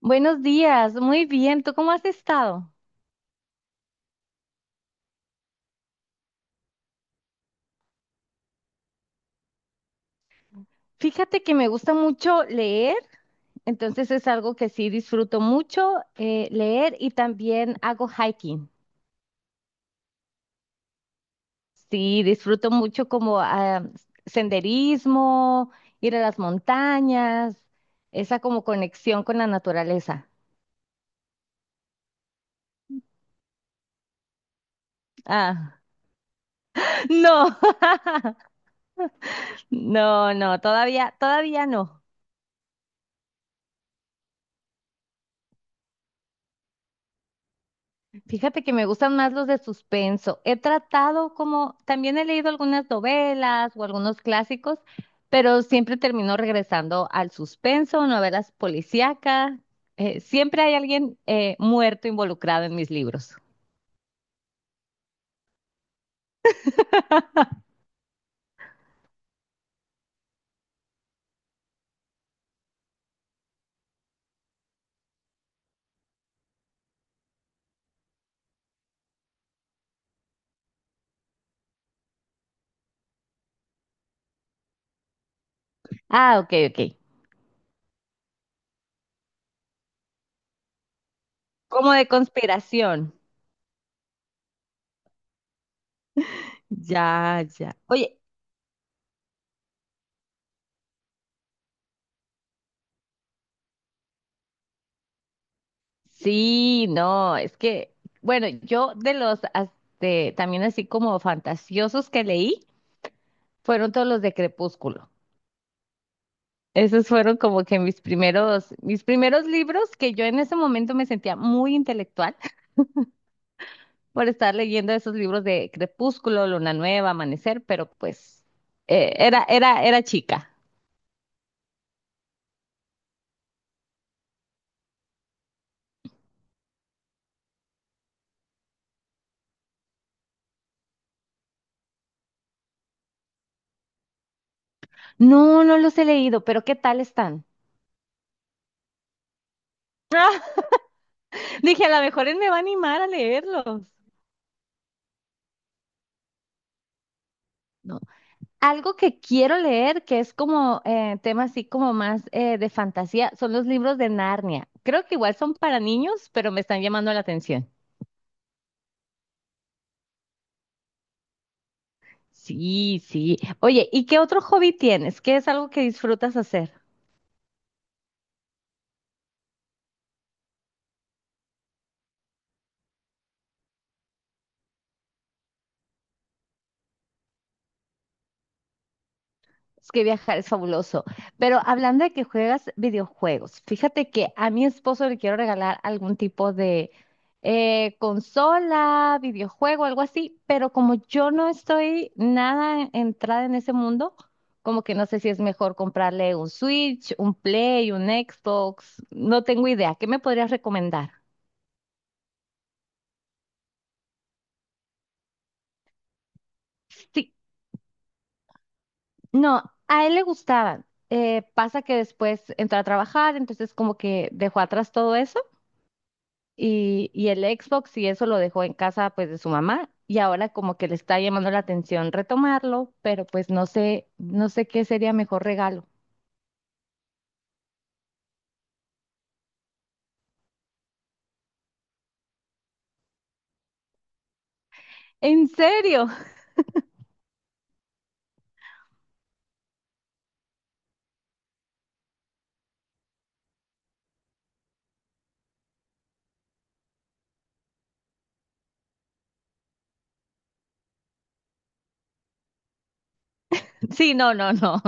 Buenos días, muy bien. ¿Tú cómo has estado? Fíjate que me gusta mucho leer, entonces es algo que sí disfruto mucho leer y también hago hiking. Sí, disfruto mucho como senderismo, ir a las montañas, esa como conexión con la naturaleza. Ah, no, no, no, todavía, todavía no. Fíjate que me gustan más los de suspenso. He tratado como, también he leído algunas novelas o algunos clásicos, pero siempre termino regresando al suspenso, novelas policíacas. Siempre hay alguien muerto involucrado en mis libros. Ah, ok, ok. Como de conspiración. Ya, ya. Oye, sí, no, es que, bueno, yo de- también así como fantasiosos que leí, fueron todos los de Crepúsculo. Esos fueron como que mis primeros libros que yo en ese momento me sentía muy intelectual por estar leyendo esos libros de Crepúsculo, Luna Nueva, Amanecer, pero pues era chica. No, no los he leído, pero ¿qué tal están? Dije, a lo mejor él me va a animar a leerlos. No. Algo que quiero leer, que es como tema así como más de fantasía, son los libros de Narnia. Creo que igual son para niños, pero me están llamando la atención. Sí, sí. Oye, ¿y qué otro hobby tienes? ¿Qué es algo que disfrutas hacer? Es que viajar es fabuloso. Pero hablando de que juegas videojuegos, fíjate que a mi esposo le quiero regalar algún tipo de consola, videojuego, algo así, pero como yo no estoy nada entrada en ese mundo, como que no sé si es mejor comprarle un Switch, un Play, un Xbox, no tengo idea. ¿Qué me podrías recomendar? Sí. No, a él le gustaban. Pasa que después entró a trabajar, entonces como que dejó atrás todo eso y el Xbox y eso lo dejó en casa pues de su mamá y ahora como que le está llamando la atención retomarlo, pero pues no sé, no sé qué sería mejor regalo. ¿En serio? Sí, no, no, no.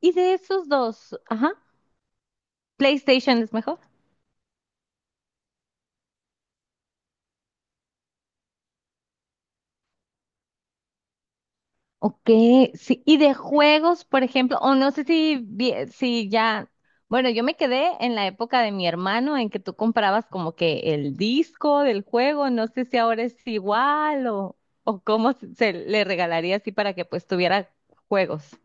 ¿Y de esos dos? Ajá. ¿PlayStation es mejor? Ok, sí, y de juegos, por ejemplo, o no sé si ya, bueno, yo me quedé en la época de mi hermano en que tú comprabas como que el disco del juego, no sé si ahora es igual o cómo se le regalaría así para que pues tuviera juegos.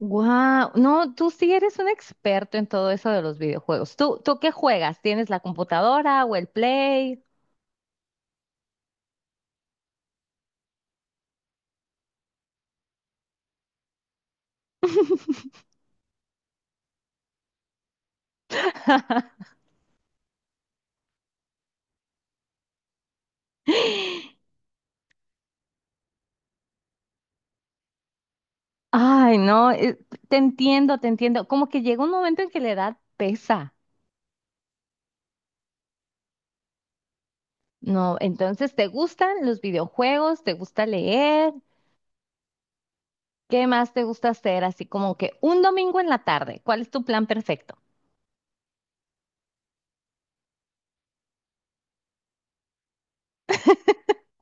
Wow, no, tú sí eres un experto en todo eso de los videojuegos. ¿Tú qué juegas? ¿Tienes la computadora o el Play? Ay, no, te entiendo, te entiendo. Como que llega un momento en que la edad pesa, ¿no? Entonces, ¿te gustan los videojuegos? ¿Te gusta leer? ¿Qué más te gusta hacer? Así como que un domingo en la tarde, ¿cuál es tu plan perfecto?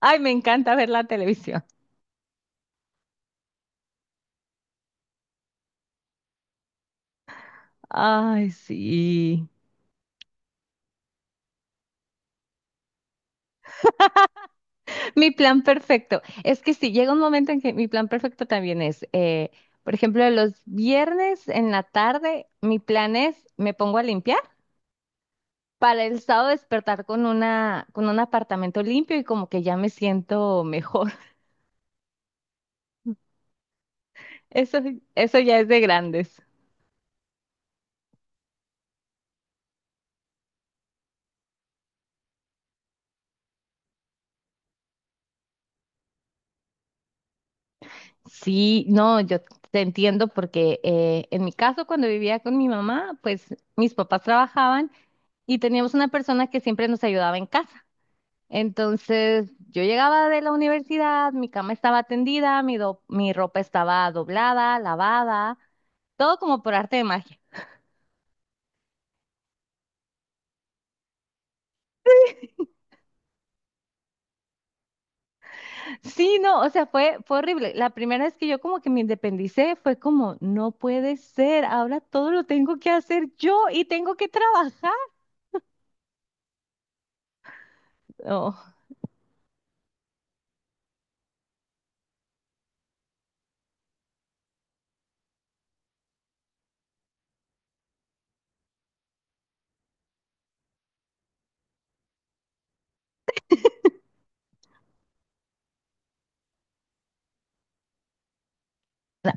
Ay, me encanta ver la televisión. Ay, sí. Mi plan perfecto. Es que sí, llega un momento en que mi plan perfecto también es, por ejemplo, los viernes en la tarde, mi plan es, me pongo a limpiar, para el sábado despertar con una, con un apartamento limpio y como que ya me siento mejor. Eso, eso ya es de grandes. Sí, no, yo te entiendo porque en mi caso cuando vivía con mi mamá, pues mis papás trabajaban y teníamos una persona que siempre nos ayudaba en casa. Entonces yo llegaba de la universidad, mi cama estaba tendida, mi ropa estaba doblada, lavada, todo como por arte de magia. Sí, no, o sea, fue, fue horrible. La primera vez que yo como que me independicé fue como, no puede ser, ahora todo lo tengo que hacer yo y tengo que trabajar. Oh.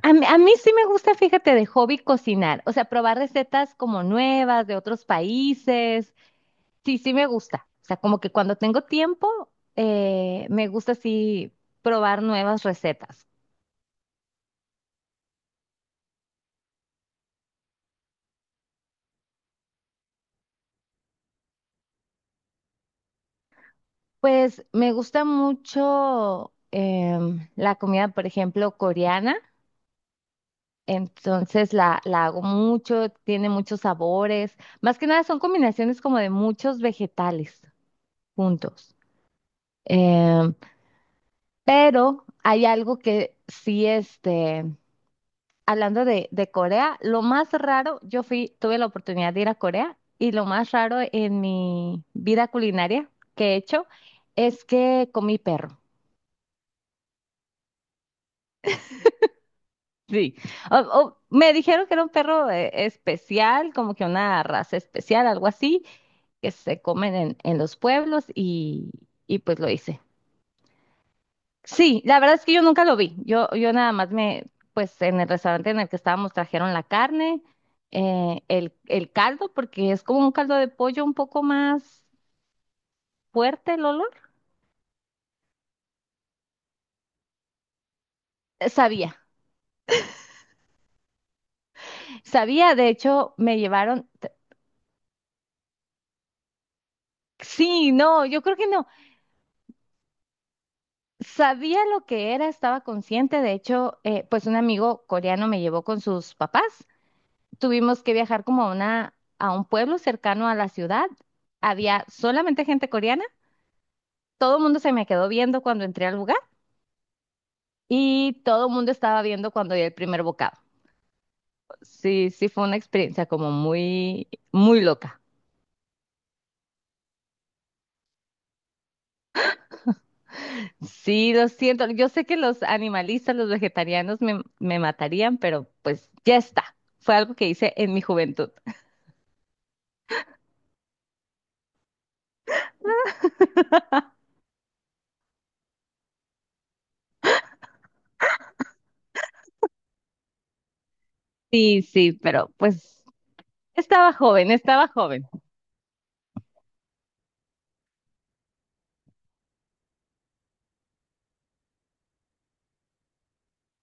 A mí sí me gusta, fíjate, de hobby cocinar, o sea, probar recetas como nuevas de otros países. Sí, sí me gusta. O sea, como que cuando tengo tiempo, me gusta así probar nuevas recetas. Pues me gusta mucho la comida, por ejemplo, coreana. Entonces la hago mucho, tiene muchos sabores. Más que nada son combinaciones como de muchos vegetales juntos. Em, pero hay algo que sí, este, hablando de Corea, lo más raro, yo fui, tuve la oportunidad de ir a Corea y lo más raro en mi vida culinaria que he hecho es que comí perro. Sí, o me dijeron que era un perro especial, como que una raza especial, algo así, que se comen en los pueblos y pues lo hice. Sí, la verdad es que yo nunca lo vi. Yo nada más me, pues en el restaurante en el que estábamos trajeron la carne, el caldo, porque es como un caldo de pollo un poco más fuerte el olor. Sabía, sabía, de hecho me llevaron, sí, no, yo creo que no, sabía lo que era, estaba consciente, de hecho, pues un amigo coreano me llevó con sus papás. Tuvimos que viajar como a una, a un pueblo cercano a la ciudad. Había solamente gente coreana. Todo el mundo se me quedó viendo cuando entré al lugar y todo el mundo estaba viendo cuando di el primer bocado. Sí, sí fue una experiencia como muy, muy loca. Sí, lo siento. Yo sé que los animalistas, los vegetarianos me, me matarían, pero pues ya está. Fue algo que hice en mi juventud. Sí, sí, pero pues estaba joven, estaba joven.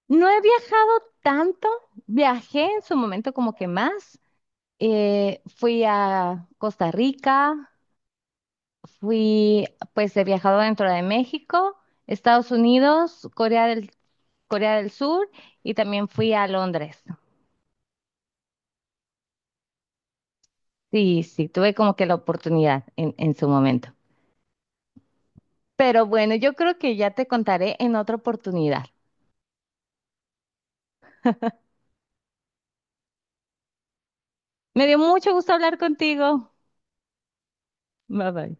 No he viajado tanto, viajé en su momento como que más. Fui a Costa Rica, fui, pues he viajado dentro de México, Estados Unidos, Corea del Sur y también fui a Londres. Sí, sí, tuve como que la oportunidad en su momento. Pero bueno, yo creo que ya te contaré en otra oportunidad. Me dio mucho gusto hablar contigo. Bye bye.